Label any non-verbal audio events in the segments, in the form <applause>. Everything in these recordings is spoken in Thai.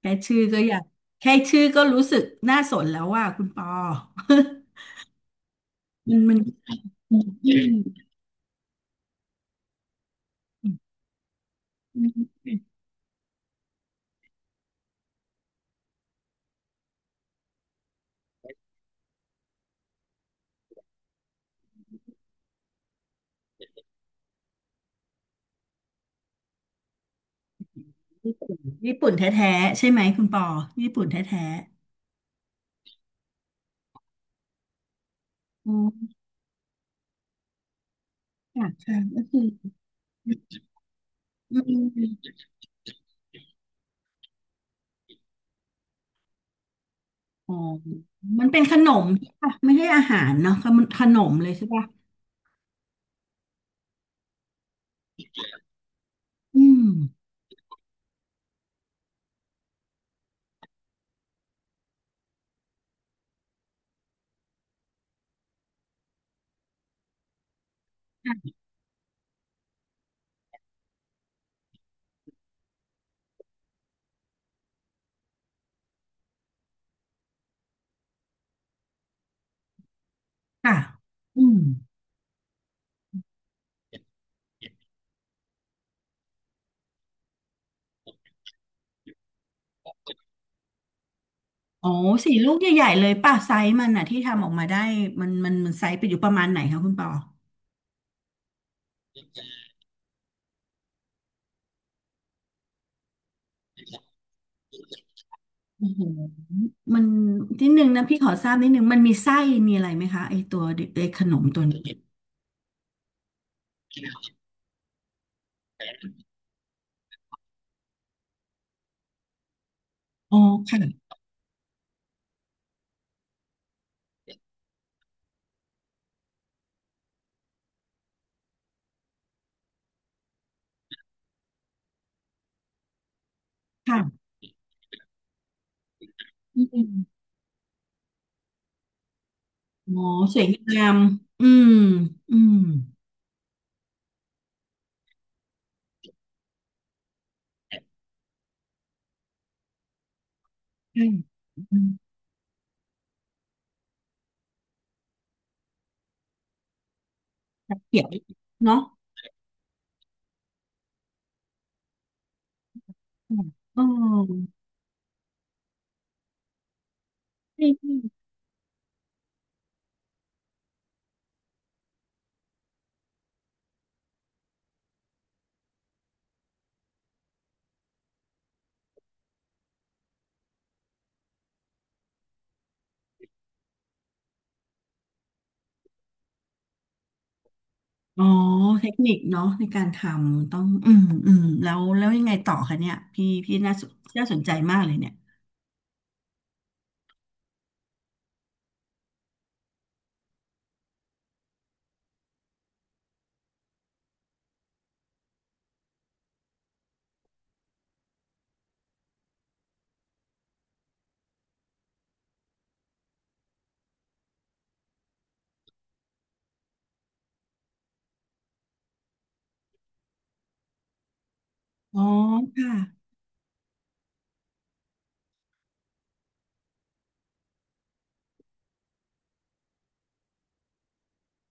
แค่ชื่อก็อยากแค่ชื่อก็รู้สึกน่าสนแล้วว่าคุณปอ <laughs> มันญี่ปุ่นญี่ปุ่นแท้ๆใช่ไหมคุณปอญี่ปุ่นแท้ๆอ๋อค่ะค่ะก็คือมันมันเป็นขนมใช่ปะไม่ใช่อาหารเนาะขนมขนมเลยใช่ปะอืมค่ะอืมอ๋อสี่ลูกใหญ่ๆเลยป่ะไซส์มันอะที่ทำออกมาได้มันไซส์ไปอยู่ประมาณไหนคะคุณปอโอ้โหมันนิดนึงนะพี่ขอทราบนิดนึงมันมีไส้มีอะไรไหมคะไอตัวเด็กไอขนมตัวนี้ อ๋อค่ะค่ะอืมอ๋อสวยงามอืมอืมใช่อืมจะเขียวเนาะค่ะอ๋อใช่ใช่อ๋อเทคนิคเนาะในการทำต้องอืมอืมแล้วแล้วยังไงต่อคะเนี่ยพี่น่าสนน่าสนใจมากเลยเนี่ยอ๋อค่ะ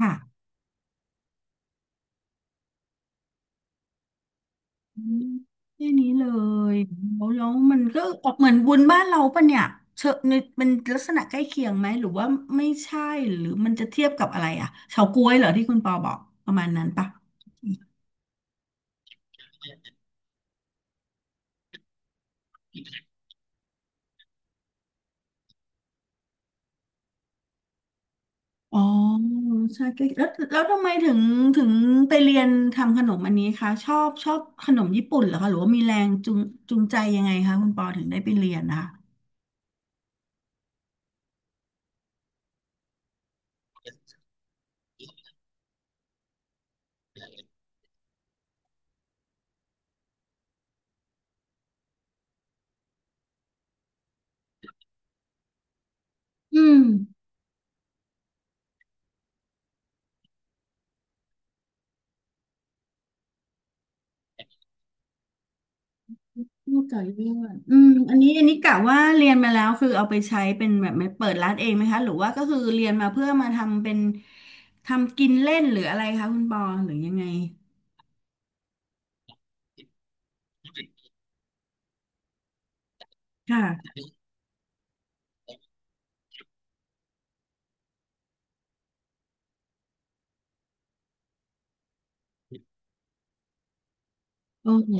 ค่ะ อืมแค่นี้เลยแล้วแล้วมันก็ออกเหมือนวุ้นบ้านเราปะเนี่ยเชอะในเป็นลักษณะใกล้เคียงไหมหรือว่าไม่ใช่หรือมันจะเทียบกับอะไรอ่ะเฉาก๊วยเหรอที่คุณปอบอกประมาณนั้นปะอ๋อใช่ใกล้แล้วแล้วทำไมถึงไปเรียนทำขนมอันนี้คะชอบชอบขนมญี่ปุ่นเหรอคะหรือว่ามีแรงจูงจูงใจยังไงคะคุณปอถึงได้ไปเรียนนะคะอืม ลูกไก่ย่าอดอืมอันนี้อันนี้กะว่าเรียนมาแล้วคือเอาไปใช้เป็นแบบไม่เปิดร้านเองไหมคะหรือว่าก็คือเรียนมาเพื่อมาทำเป็นทำกินเล่นหรืออะไรคะคุณปอหรือยังไงค่ะโอเค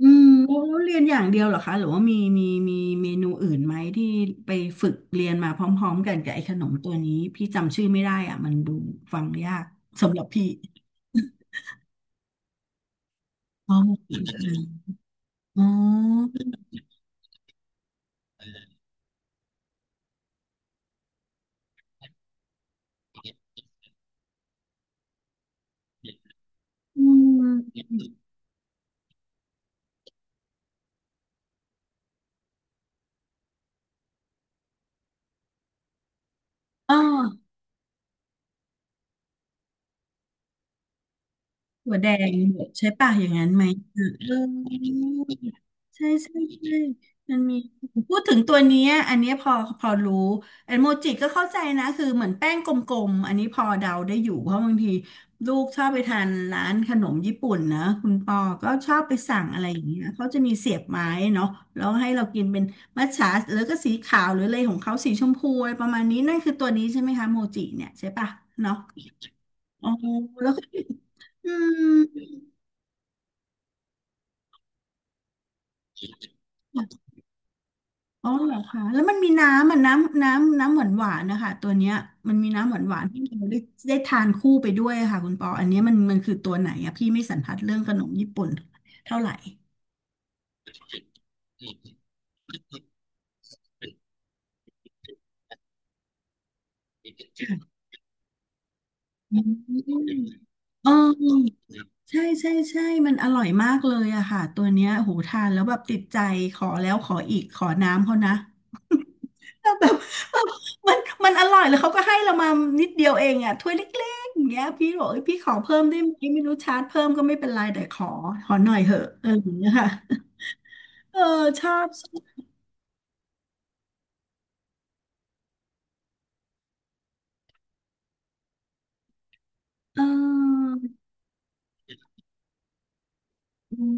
อืมแล้วเรียนอย่างเดียวเหรอคะหรือว่ามีมีเมนูอื่นไหมที่ไปฝึกเรียนมาพร้อมๆกันกับไอ้ขนมตัวนี้พี่จำชื่อไม่ได้อ่ะมันดูฟังยากสำหรับพี่อ๋ออ๋ออืมอ๋อ หัวแดงใช่ป่ะอย่างนั้นไหมเออใช่ใช่ใช่มันมีพูดถึงตัวเนี้ยอันเนี้ยพอรู้แอนโมจิก็เข้าใจนะคือเหมือนแป้งกลมๆอันนี้พอเดาได้อยู่เพราะบางทีลูกชอบไปทานร้านขนมญี่ปุ่นนะคุณปอก็ชอบไปสั่งอะไรอย่างเงี้ยเขาจะมีเสียบไม้เนาะแล้วให้เรากินเป็นมัทฉะหรือก็สีขาวหรืออะไรของเขาสีชมพูอะไรประมาณนี้นั่นคือตัวนี้ใช่ไหมคะโมจิเนี่ยใช่ป่ะเนาะอ๋อแล้วก็อืม อ๋อเหรอคะแล้วมันมีน้ำอ่ะน้ำหวานหวานนะคะตัวเนี้ยมันมีน้ำหวานหวานที่เราได้ได้ทานคู่ไปด้วยค่ะคุณปออันเนี้ยมันมันคือตัวไหนอะพี่ไม่สันทัดเรื่องขนมญี่ปุ่นเท่าไหร่ค่ะอืมเออ ใช่ใช่ใช่มันอร่อยมากเลยอะค่ะ ตัวเนี้ยโหทานแล้วแบบติดใจ ขอแล้วขออีกขอน้ำเขานะ <laughs> แวบบแบบมันมันอร่อยแล้วเขาก็ให้เรามานิดเดียวเองอะถ้วยเล็กๆอย่างเงี้ยพี่บอกเอ้ยพี่ขอเพิ่มได้ไหมไม่รู้ชาร์จเพิ่มก็ไม่เป็นไร แต่ขอขอหน่อยเหอะอะไรอย่างเงี้ยค่ะ <laughs> เออชอบชอบเออ อืม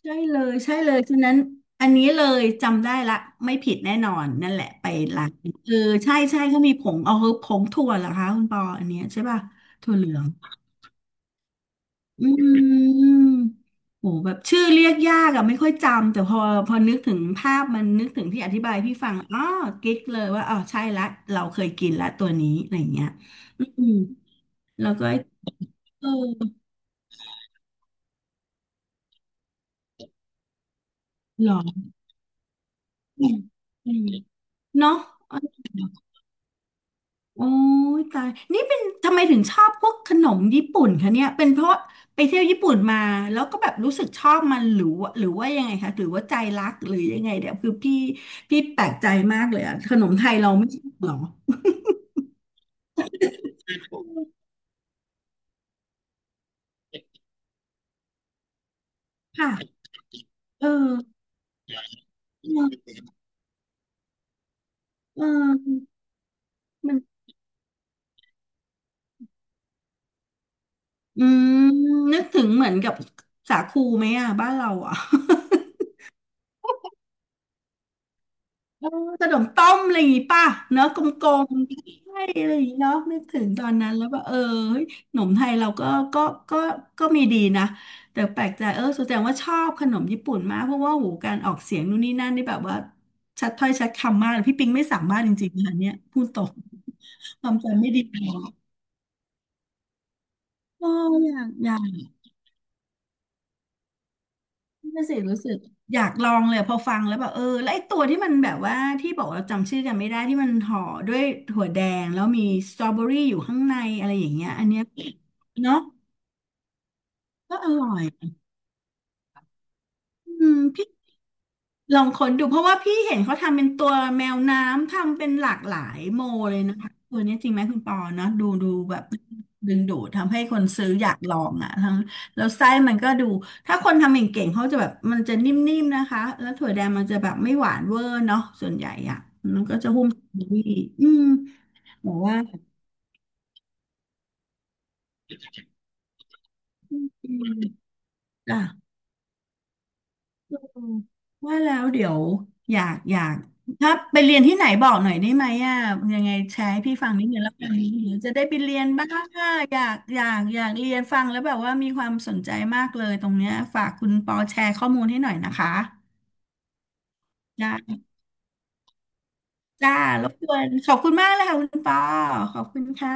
ใช่เลยใช่เลยฉะนั้นอันนี้เลยจำได้ละไม่ผิดแน่นอนนั่นแหละไปร้านเออใช่ใช่เขามีผงเอาคือผงถั่วเหรอคะคุณปออันเนี้ยใช่ป่ะถั่วเหลืองอืมโหแบบชื่อเรียกยากอะไม่ค่อยจำแต่พอนึกถึงภาพมันนึกถึงที่อธิบายพี่ฟังอ๋อกิ๊กเลยว่าอ๋อใช่ละเราเคยกินละตัวนี้อะไรอย่างเงี้ยอืมแล้วก็ไอ้เออหรออืมอืมเนาะ โอ้ยตายนี่เป็นทำไมถึงชอบพวกขนมญี่ปุ่นคะเนี่ยเป็นเพราะไปเที่ยวญี่ปุ่นมาแล้วก็แบบรู้สึกชอบมันหรือว่าหรือว่ายังไงคะ หรือว่าใจรักหรือยังไงเดี๋ยวคือพี่แปลกใจมากเลยอะขนมไทยเราไม่ชอบเหรอค่ะเออเออเออมันอืมนึกถึงเหมือนกับสาคูไหมอะบ้านเราอะ ขนมต้มอะไรอย่างงี้ป่ะเนอะกลมๆใช่อะไรอย่างงี้เนาะนึกถึงตอนนั้นแล้วว่าเออเฮ้ยขนมไทยเราก็ก็ก็มีดีนะแต่แปลกใจเออแสดงว่าชอบขนมญี่ปุ่นมากเพราะว่าหูการออกเสียงนู่นนี่นั่นนี่แบบว่าชัดถ้อยชัดคำมากพี่ปิงไม่สามารถจริงๆนะคะเนี่ยพูดตรงความจำไม่ดีพอโอ้อยากอยาก นี่นน่ะสิรู้สึกอยากลองเลยพอฟังแล้วแบบเออแล้วไอ้ตัวที่มันแบบว่าที่บอกว่าจำชื่อกันไม่ได้ที่มันห่อด้วยถั่วแดงแล้วมีสตรอเบอรี่อยู่ข้างในอะไรอย่างเงี้ยอันเนี้ยเนาะก็อร่อยอืม ลองค้นดูเพราะว่าพี่เห็นเขาทำเป็นตัวแมวน้ำทำเป็นหลากหลายโมเลยนะคะตัวนี้จริงไหมคุณปอเนาะดูแบบดึงดูดทำให้คนซื้ออยากลองอ่ะทั้งแล้วไส้มันก็ดูถ้าคนทำเก่งๆเขาจะแบบมันจะนิ่มๆนะคะแล้วถั่วแดงมันจะแบบไม่หวานเวอร์เนาะส่วนใหญ่อ่ะมันก็จะหุ้มสตรอเบอรี่อืมบอกว่าอืมจ้ะ อืมว่าแล้วเดี๋ยวอยากอยากถ้าไปเรียนที่ไหนบอกหน่อยได้ไหมอ่ะยังไงแชร์ให้พี่ฟังนิดนึงแล้วกันเดี๋ยวจะได้ไปเรียนบ้างอ่ะอยากเรียนฟังแล้วแบบว่ามีความสนใจมากเลยตรงเนี้ยฝากคุณปอแชร์ข้อมูลให้หน่อยนะคะได้าจ้ารบกวนขอบคุณมากเลยค่ะคุณปอขอบคุณค่ะ